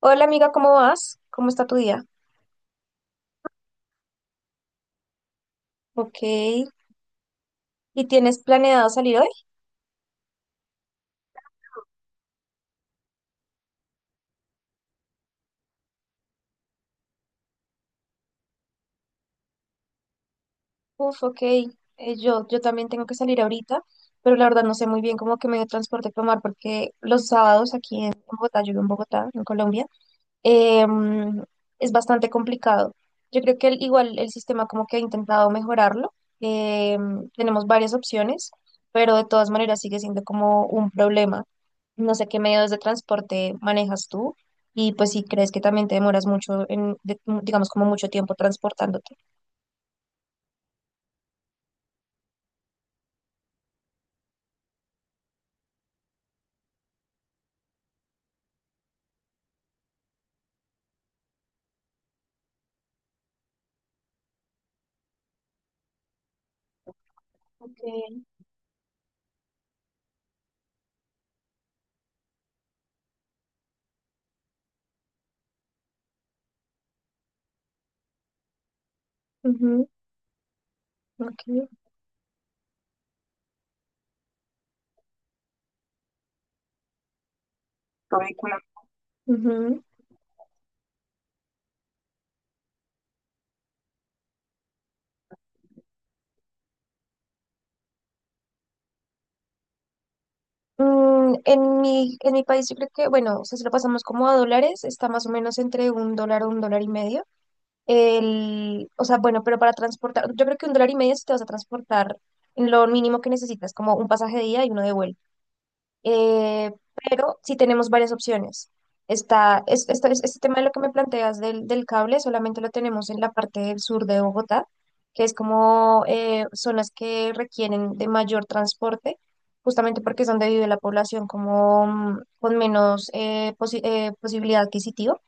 Hola amiga, ¿cómo vas? ¿Cómo está tu día? Ok. ¿Y tienes planeado salir hoy? Uf, ok. Yo también tengo que salir ahorita, pero la verdad no sé muy bien cómo que medio de transporte tomar porque los sábados aquí en Bogotá, yo vivo en Bogotá, en Colombia, em, es bastante complicado. Yo creo que igual el sistema como que ha intentado mejorarlo. Tenemos varias opciones, pero de todas maneras sigue siendo como un problema. No sé qué medios de transporte manejas tú y pues si crees que también te demoras mucho en, digamos, como mucho tiempo transportándote. Okay. Ujú, ok. Ridículo. Ujú. En mi país yo creo que, bueno, o sea, si lo pasamos como a dólares, está más o menos entre un dólar o un dólar y medio. El, o sea, bueno, pero para transportar, yo creo que un dólar y medio si te vas a transportar en lo mínimo que necesitas, como un pasaje de ida y uno de vuelta. Eh, pero sí tenemos varias opciones. Está, es- esto es- este tema de lo que me planteas del cable solamente lo tenemos en la parte del sur de Bogotá, que es como zonas que requieren de mayor transporte, justamente porque es donde vive la población como con menos posibilidad adquisitiva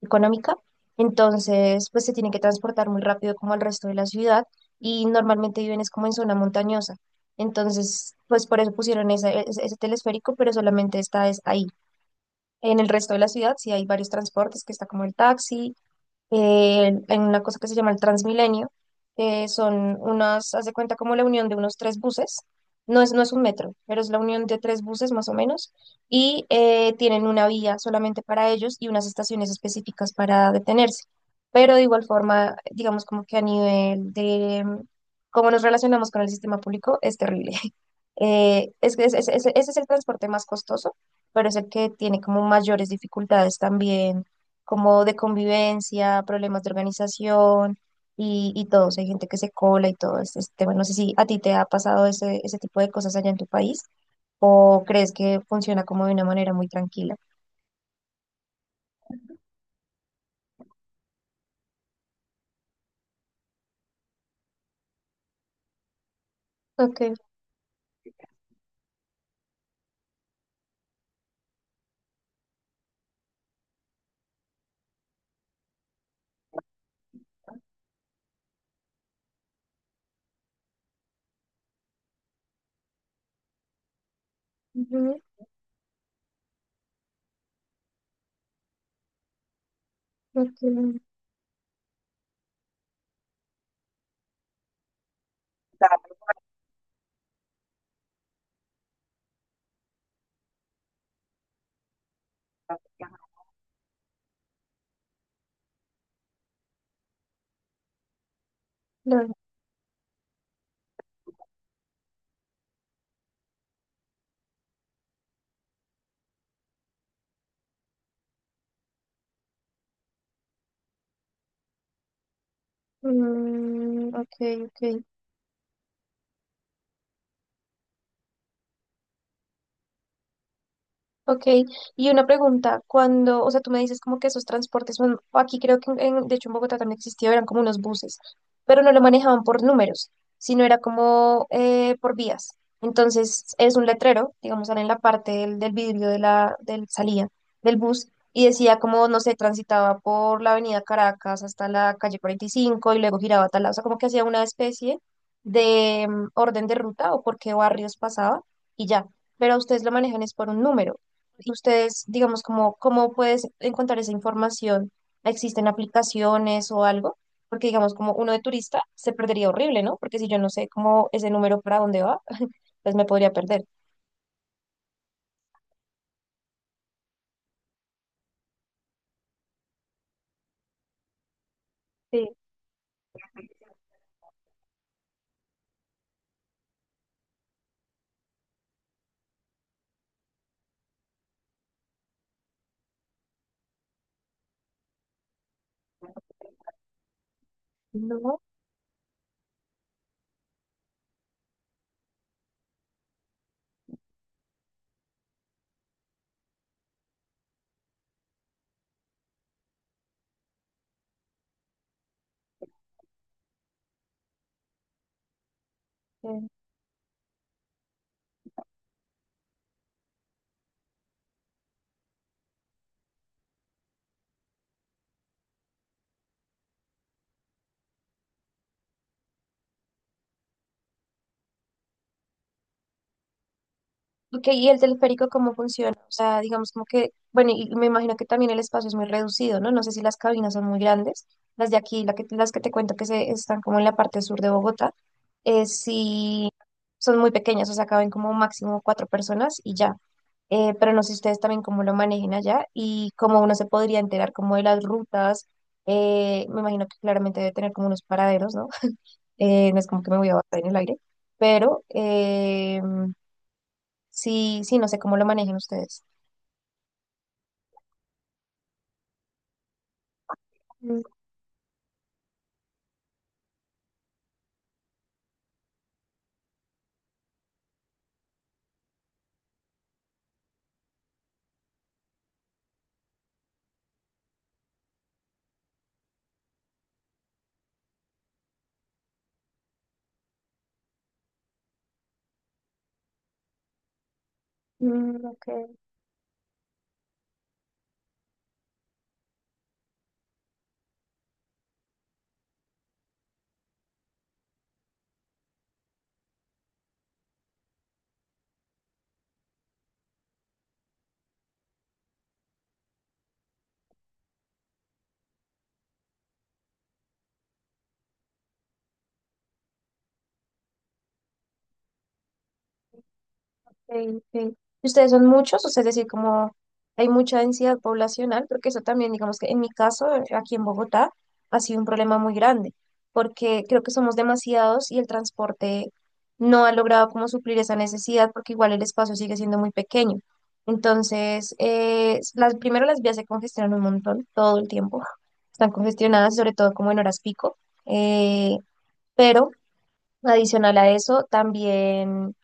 económica, entonces pues se tienen que transportar muy rápido como al resto de la ciudad y normalmente viven es como en zona montañosa. Entonces, pues por eso pusieron ese telesférico, pero solamente está es ahí. En el resto de la ciudad sí hay varios transportes, que está como el taxi en una cosa que se llama el Transmilenio, que son unas, haz de cuenta como la unión de unos tres buses, no es un metro, pero es la unión de tres buses más o menos, y tienen una vía solamente para ellos y unas estaciones específicas para detenerse. Pero de igual forma, digamos como que a nivel de cómo nos relacionamos con el sistema público es terrible. Es que ese es el transporte más costoso, pero es el que tiene como mayores dificultades también como de convivencia, problemas de organización y todo. O sea, hay gente que se cola y todo este tema. No sé si a ti te ha pasado ese tipo de cosas allá en tu país o crees que funciona como de una manera muy tranquila. Okay, ujú, ok, claro. Mm, ok, ok. Ok, y una pregunta, cuando, o sea, tú me dices como que esos transportes, bueno, aquí creo que, de hecho en Bogotá también existía, eran como unos buses, pero no lo manejaban por números, sino era como por vías. Entonces es un letrero, digamos, sale en la parte del vidrio de la del salida del bus y decía como, no sé, transitaba por la avenida Caracas hasta la calle 45 y cinco y luego giraba a tal lado, o sea, como que hacía una especie de orden de ruta o por qué barrios pasaba y ya, pero ustedes lo manejan es por un número ustedes, digamos, como, ¿cómo puedes encontrar esa información? ¿Existen aplicaciones o algo? Porque, digamos, como uno de turista se perdería horrible, ¿no? Porque si yo no sé cómo ese número para dónde va, pues me podría perder. Sí. No. Ok, ¿y el teleférico cómo funciona? O sea, digamos como que, bueno, y me imagino que también el espacio es muy reducido, ¿no? No sé si las cabinas son muy grandes. Las de aquí, las que te cuento están como en la parte sur de Bogotá, sí son muy pequeñas, o sea, caben como máximo 4 personas y ya. Pero no sé ustedes también cómo lo manejen allá y cómo uno se podría enterar como de las rutas. Me imagino que claramente debe tener como unos paraderos, ¿no? No es como que me voy a bajar en el aire, pero... sí, sí, no sé cómo lo manejan ustedes. Mm, mm, ok, ok, ok. ¿Y ¿Ustedes son muchos? O sea, es decir, como hay mucha densidad poblacional, porque eso también, digamos que en mi caso, aquí en Bogotá, ha sido un problema muy grande, porque creo que somos demasiados y el transporte no ha logrado como suplir esa necesidad, porque igual el espacio sigue siendo muy pequeño. Entonces, primero las vías se congestionan un montón todo el tiempo, están congestionadas, sobre todo como en horas pico. eh, pero Adicional a eso, también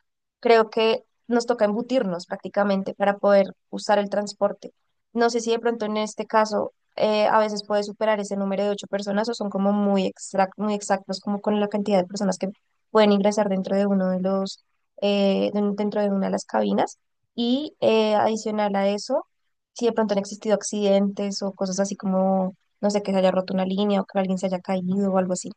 creo que nos toca embutirnos prácticamente para poder usar el transporte. No sé si de pronto en este caso a veces puede superar ese número de 8 personas o son como muy exactos como con la cantidad de personas que pueden ingresar dentro de uno de los, de un- dentro de una de las cabinas. Y adicional a eso, si de pronto han existido accidentes o cosas así como, no sé, que se haya roto una línea o que alguien se haya caído o algo así.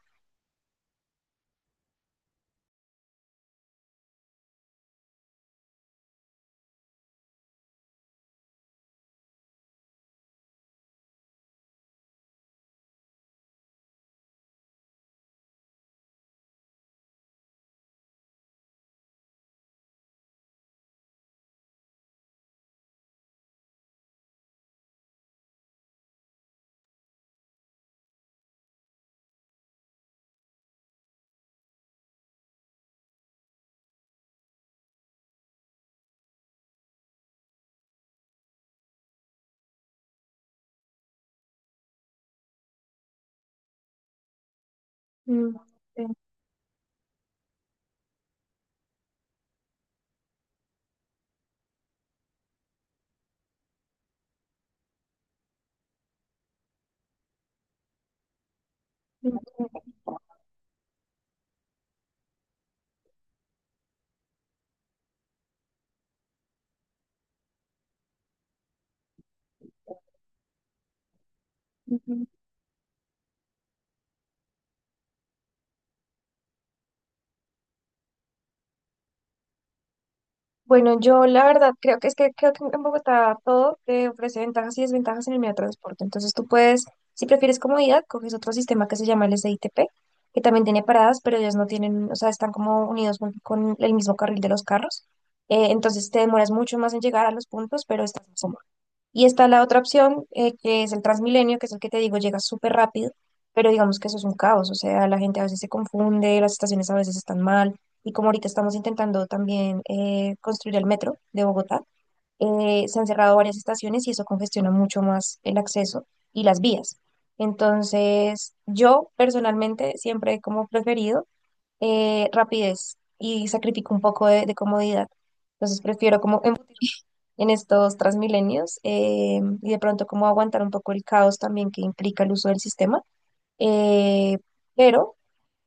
Mm, sí. Ujú. Bueno, yo la verdad creo que es que creo que en Bogotá todo te ofrece ventajas y desventajas en el medio de transporte. Entonces tú puedes, si prefieres comodidad, coges otro sistema que se llama el SITP, que también tiene paradas, pero ellas no tienen, o sea, están como unidos con el mismo carril de los carros. Entonces te demoras mucho más en llegar a los puntos, pero estás más cómodo. Y está la otra opción, que es el Transmilenio, que es el que te digo, llega súper rápido, pero digamos que eso es un caos, o sea, la gente a veces se confunde, las estaciones a veces están mal, y como ahorita estamos intentando también construir el metro de Bogotá, se han cerrado varias estaciones y eso congestiona mucho más el acceso y las vías. Entonces, yo personalmente siempre he como preferido rapidez y sacrifico un poco de comodidad. Entonces, prefiero como... embutir en estos Transmilenios y de pronto cómo aguantar un poco el caos también que implica el uso del sistema, eh, pero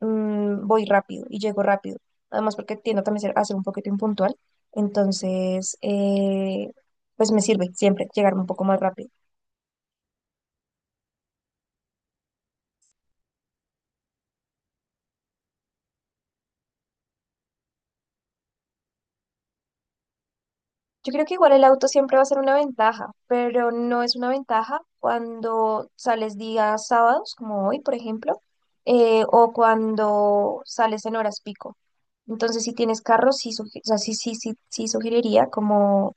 voy rápido y llego rápido, además porque tiendo también a ser un poquito impuntual, entonces pues me sirve siempre llegar un poco más rápido. Yo creo que igual el auto siempre va a ser una ventaja, pero no es una ventaja cuando sales días sábados, como hoy, por ejemplo, o cuando sales en horas pico. Entonces, si tienes carro, o sea, sí, sí, sí, sí sugeriría como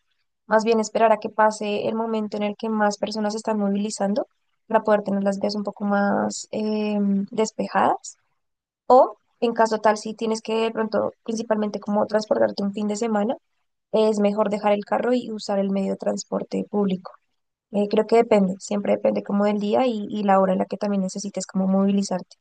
más bien esperar a que pase el momento en el que más personas se están movilizando para poder tener las vías un poco más despejadas. O en caso tal, si tienes que de pronto, principalmente como transportarte un fin de semana es mejor dejar el carro y usar el medio de transporte público. Creo que depende, siempre depende como del día y la hora en la que también necesites como movilizarte.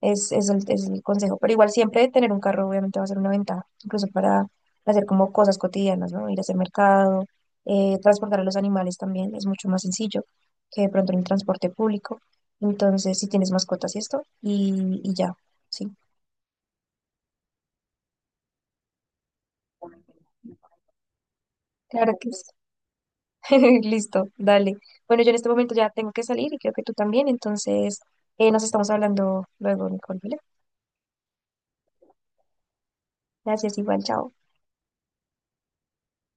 Es el consejo, pero igual siempre tener un carro obviamente va a ser una ventaja, incluso para hacer como cosas cotidianas, ¿no? Ir a hacer mercado, transportar a los animales también es mucho más sencillo que de pronto en el transporte público. Entonces, si tienes mascotas y esto, y ya, sí. Claro que sí. Listo, dale. Bueno, yo en este momento ya tengo que salir y creo que tú también, entonces nos estamos hablando luego, Nicole, ¿vale? Gracias, igual, chao.